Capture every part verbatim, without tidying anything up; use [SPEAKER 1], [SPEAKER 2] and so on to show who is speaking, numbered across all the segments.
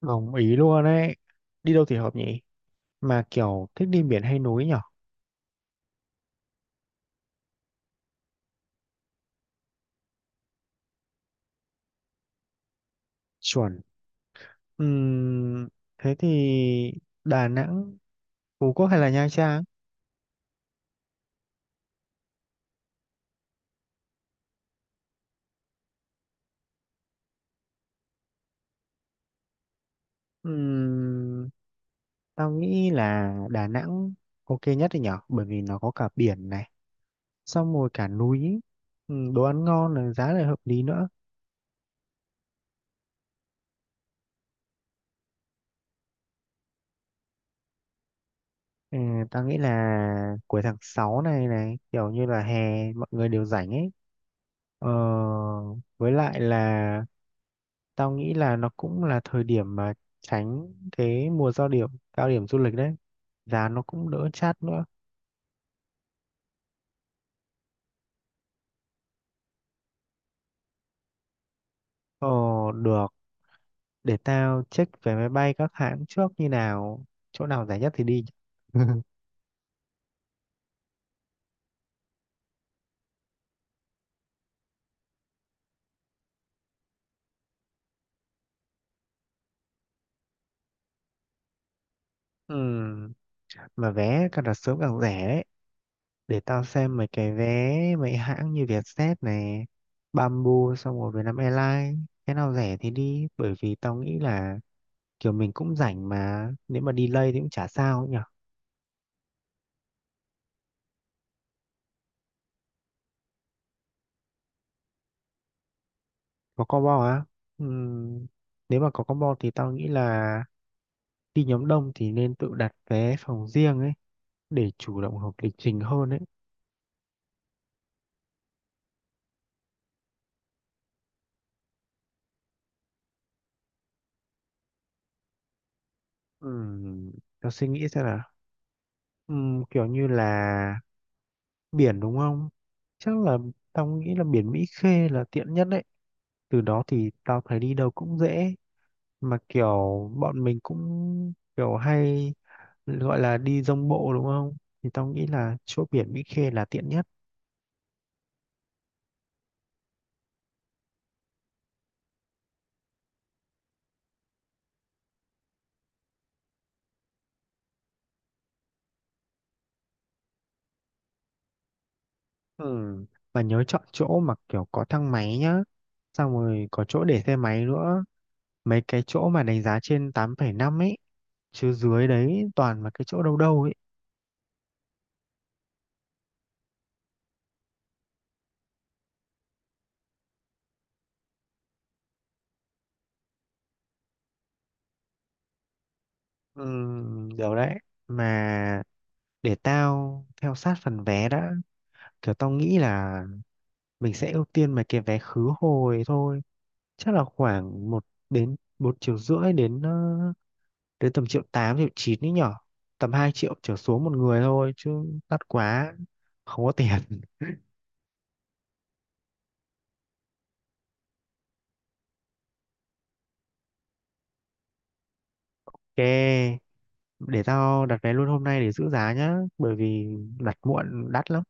[SPEAKER 1] Đồng ý luôn ấy. Đi đâu thì hợp nhỉ? Mà kiểu thích đi biển hay núi nhở? Chuẩn. Ừm, Thế thì Đà Nẵng, Phú Quốc hay là Nha Trang? Ừm, Tao nghĩ là Đà Nẵng ok nhất thì nhở? Bởi vì nó có cả biển này, xong rồi cả núi, Ừm, đồ ăn ngon này, giá lại hợp lý nữa. Ừ, tao nghĩ là cuối tháng sáu này này, kiểu như là hè mọi người đều rảnh ấy. Ờ, với lại là tao nghĩ là nó cũng là thời điểm mà tránh cái mùa cao điểm, cao điểm du lịch đấy. Giá nó cũng đỡ chát nữa. Ờ, được. Để tao check vé máy bay các hãng trước như nào. Chỗ nào rẻ nhất thì đi. Ừm, Mà vé càng đặt sớm càng rẻ đấy. Để tao xem mấy cái vé mấy hãng như Vietjet này, Bamboo xong rồi Vietnam Airlines. Cái nào rẻ thì đi. Bởi vì tao nghĩ là kiểu mình cũng rảnh mà. Nếu mà delay thì cũng chả sao. Có combo á? Ừm, Nếu mà có combo thì tao nghĩ là đi nhóm đông thì nên tự đặt vé phòng riêng ấy để chủ động hợp lịch trình hơn ấy. Ừm, Tao suy nghĩ xem nào. Ừm, kiểu như là biển đúng không? Chắc là tao nghĩ là biển Mỹ Khê là tiện nhất đấy. Từ đó thì tao thấy đi đâu cũng dễ. Mà kiểu bọn mình cũng kiểu hay gọi là đi dông bộ đúng không? Thì tao nghĩ là chỗ biển Mỹ Khê là tiện nhất. Ừ, và nhớ chọn chỗ mà kiểu có thang máy nhá. Xong rồi có chỗ để xe máy nữa. Mấy cái chỗ mà đánh giá trên tám phẩy năm ấy. Chứ dưới đấy toàn là cái chỗ đâu đâu ấy. Ừ, điều đấy. Mà để tao theo sát phần vé đã. Kiểu tao nghĩ là mình sẽ ưu tiên mấy cái vé khứ hồi thôi. Chắc là khoảng một đến một triệu rưỡi đến ờ, đến tầm triệu tám triệu chín ấy nhở. Tầm hai triệu trở xuống một người thôi. Chứ đắt quá. Không có tiền. Ok, để tao đặt vé luôn hôm nay để giữ giá nhá, bởi vì đặt muộn đắt lắm.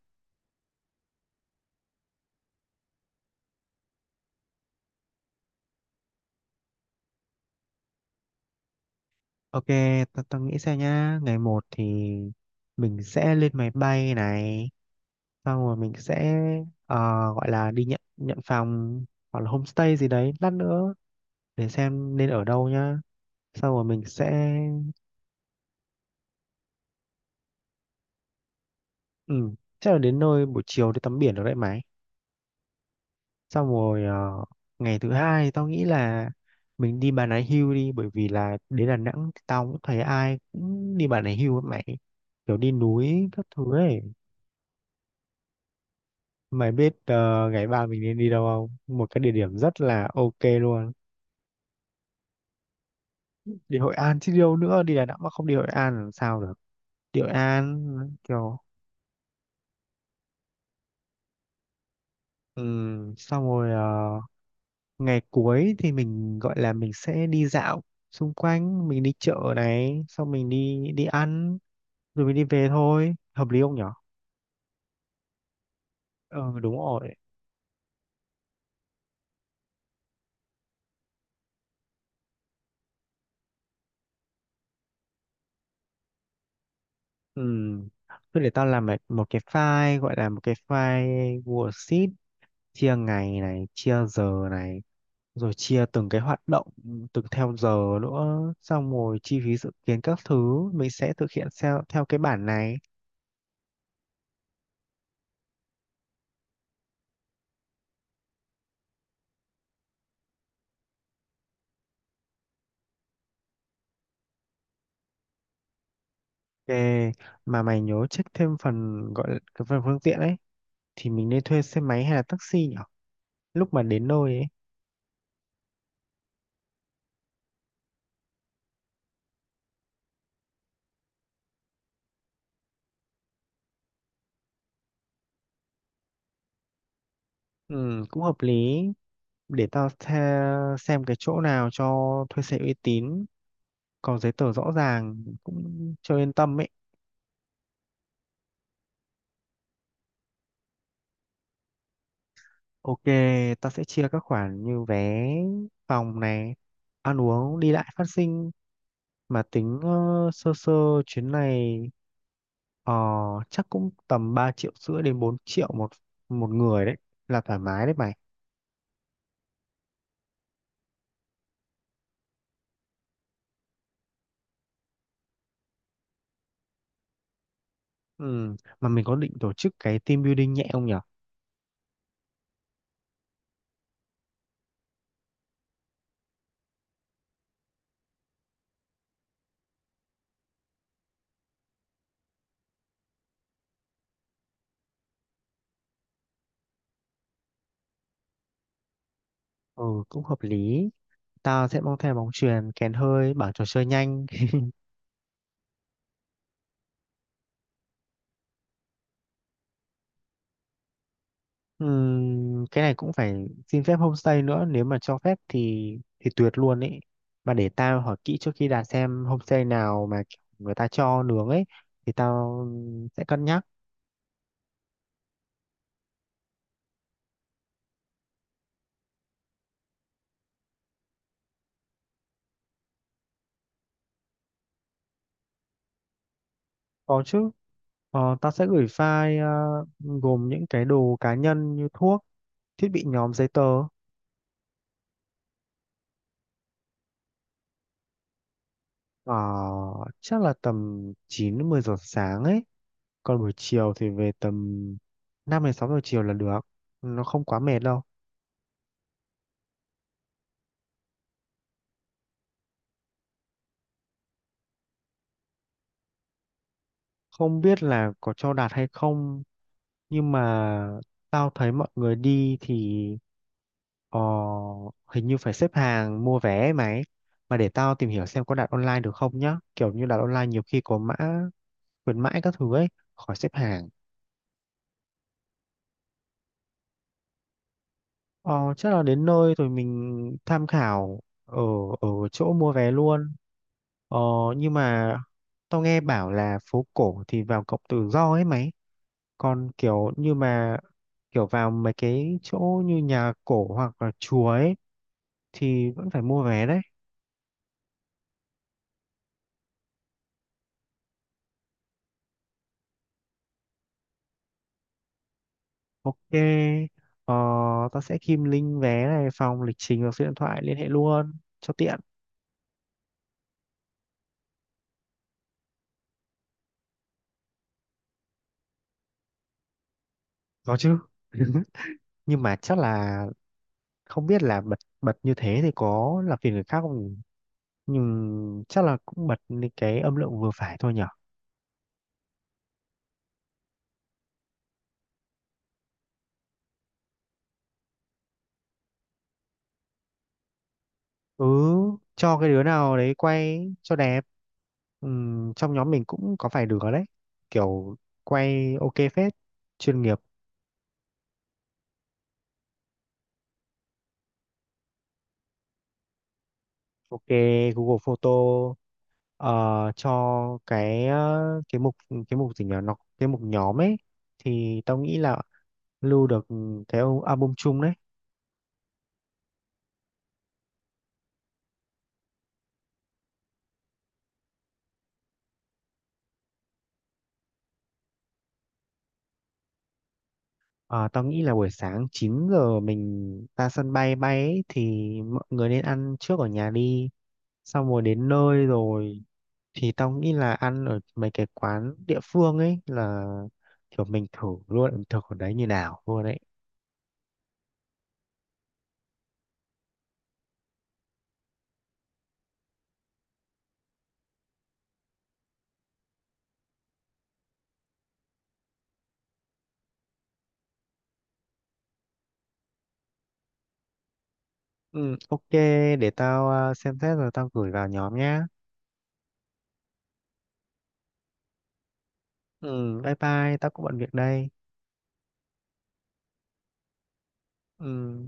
[SPEAKER 1] Ok, tao tao nghĩ xem nhá, ngày một thì mình sẽ lên máy bay này, xong rồi mình sẽ ờ, gọi là đi nhận nhận phòng hoặc là homestay gì đấy lát nữa để xem nên ở đâu nhá. Xong rồi mình sẽ ừ, chắc là đến nơi buổi chiều đi tắm biển được đấy mà. Xong rồi ờ, ngày thứ hai tao nghĩ là mình đi Bà Nà Hills đi, bởi vì là đến Đà Nẵng thì tao cũng thấy ai cũng đi Bà Nà Hills ấy mày, kiểu đi núi các thứ ấy. Mày biết uh, ngày ba mình nên đi đâu không, một cái địa điểm rất là ok luôn. Đi Hội An chứ đi đâu nữa, đi Đà Nẵng mà không đi Hội An làm sao được. Đi Hội An kiểu ừm, xong rồi ờ, ngày cuối thì mình gọi là mình sẽ đi dạo xung quanh, mình đi chợ này xong mình đi đi ăn rồi mình đi về thôi, hợp lý không nhở? Ờ đúng rồi. Ừ, thôi để tao làm một một cái file gọi là một cái file worksheet, chia ngày này chia giờ này rồi chia từng cái hoạt động từng theo giờ nữa, xong rồi chi phí dự kiến các thứ mình sẽ thực hiện theo theo cái bản này. Ok, mà mày nhớ check thêm phần gọi là cái phần phương tiện ấy thì mình nên thuê xe máy hay là taxi nhở, lúc mà đến nơi ấy. Ừ, cũng hợp lý. Để tao the, xem cái chỗ nào cho thuê xe uy tín, có giấy tờ rõ ràng cũng cho yên tâm ấy. Ok, tao sẽ chia các khoản như vé, phòng này, ăn uống, đi lại, phát sinh, mà tính ờ, sơ sơ chuyến này ờ, chắc cũng tầm ba triệu rưỡi đến bốn triệu một một người đấy, là thoải mái đấy mày. Ừ. Mà mình có định tổ chức cái team building nhẹ không nhở? Ừ, cũng hợp lý. Tao sẽ mang theo bóng chuyền, kèn hơi, bảng trò chơi nhanh. Ừm, cái này cũng phải xin phép homestay nữa, nếu mà cho phép thì thì tuyệt luôn ấy, mà để tao hỏi kỹ trước khi đặt xem homestay nào mà người ta cho nướng ấy thì tao sẽ cân nhắc. Có chứ. Ờ, tao sẽ gửi file ờ, gồm những cái đồ cá nhân như thuốc, thiết bị nhóm, giấy tờ. ờ, Chắc là tầm chín đến mười giờ sáng ấy, còn buổi chiều thì về tầm năm đến sáu giờ chiều là được, nó không quá mệt đâu. Không biết là có cho đạt hay không, nhưng mà tao thấy mọi người đi thì ờ, hình như phải xếp hàng mua vé ấy mày, mà để tao tìm hiểu xem có đặt online được không nhá, kiểu như đặt online nhiều khi có mã khuyến mãi các thứ ấy, khỏi xếp hàng. Ờ, chắc là đến nơi rồi mình tham khảo ở ở chỗ mua vé luôn. Ờ, nhưng mà tao nghe bảo là phố cổ thì vào cổng tự do ấy mày. Còn kiểu như mà kiểu vào mấy cái chỗ như nhà cổ hoặc là chùa ấy thì vẫn phải mua vé đấy. Ok, ờ, tao sẽ kim link vé này, phòng, lịch trình và số điện thoại liên hệ luôn cho tiện. Có chứ. Nhưng mà chắc là không biết là bật bật như thế thì có làm phiền người khác không nhỉ? Nhưng chắc là cũng bật lên cái âm lượng vừa phải thôi nhở. ừ cho cái đứa nào đấy quay cho đẹp. Ừm, trong nhóm mình cũng có vài đứa đấy, kiểu quay ok phết, chuyên nghiệp. Ok, Google Photo ờ, cho cái ờ, cái mục cái mục gì nhỉ, nó cái mục nhóm ấy thì tao nghĩ là lưu được cái album chung đấy. Ờ, tao nghĩ là buổi sáng chín giờ mình ra sân bay bay ấy, thì mọi người nên ăn trước ở nhà đi. Xong rồi đến nơi rồi thì tao nghĩ là ăn ở mấy cái quán địa phương ấy, là kiểu mình thử luôn ẩm thực ở đấy như nào luôn đấy. Ừ, ok, để tao à, xem xét rồi tao gửi vào nhóm nhá. Ừ, bye bye, tao cũng bận việc đây. Ừ.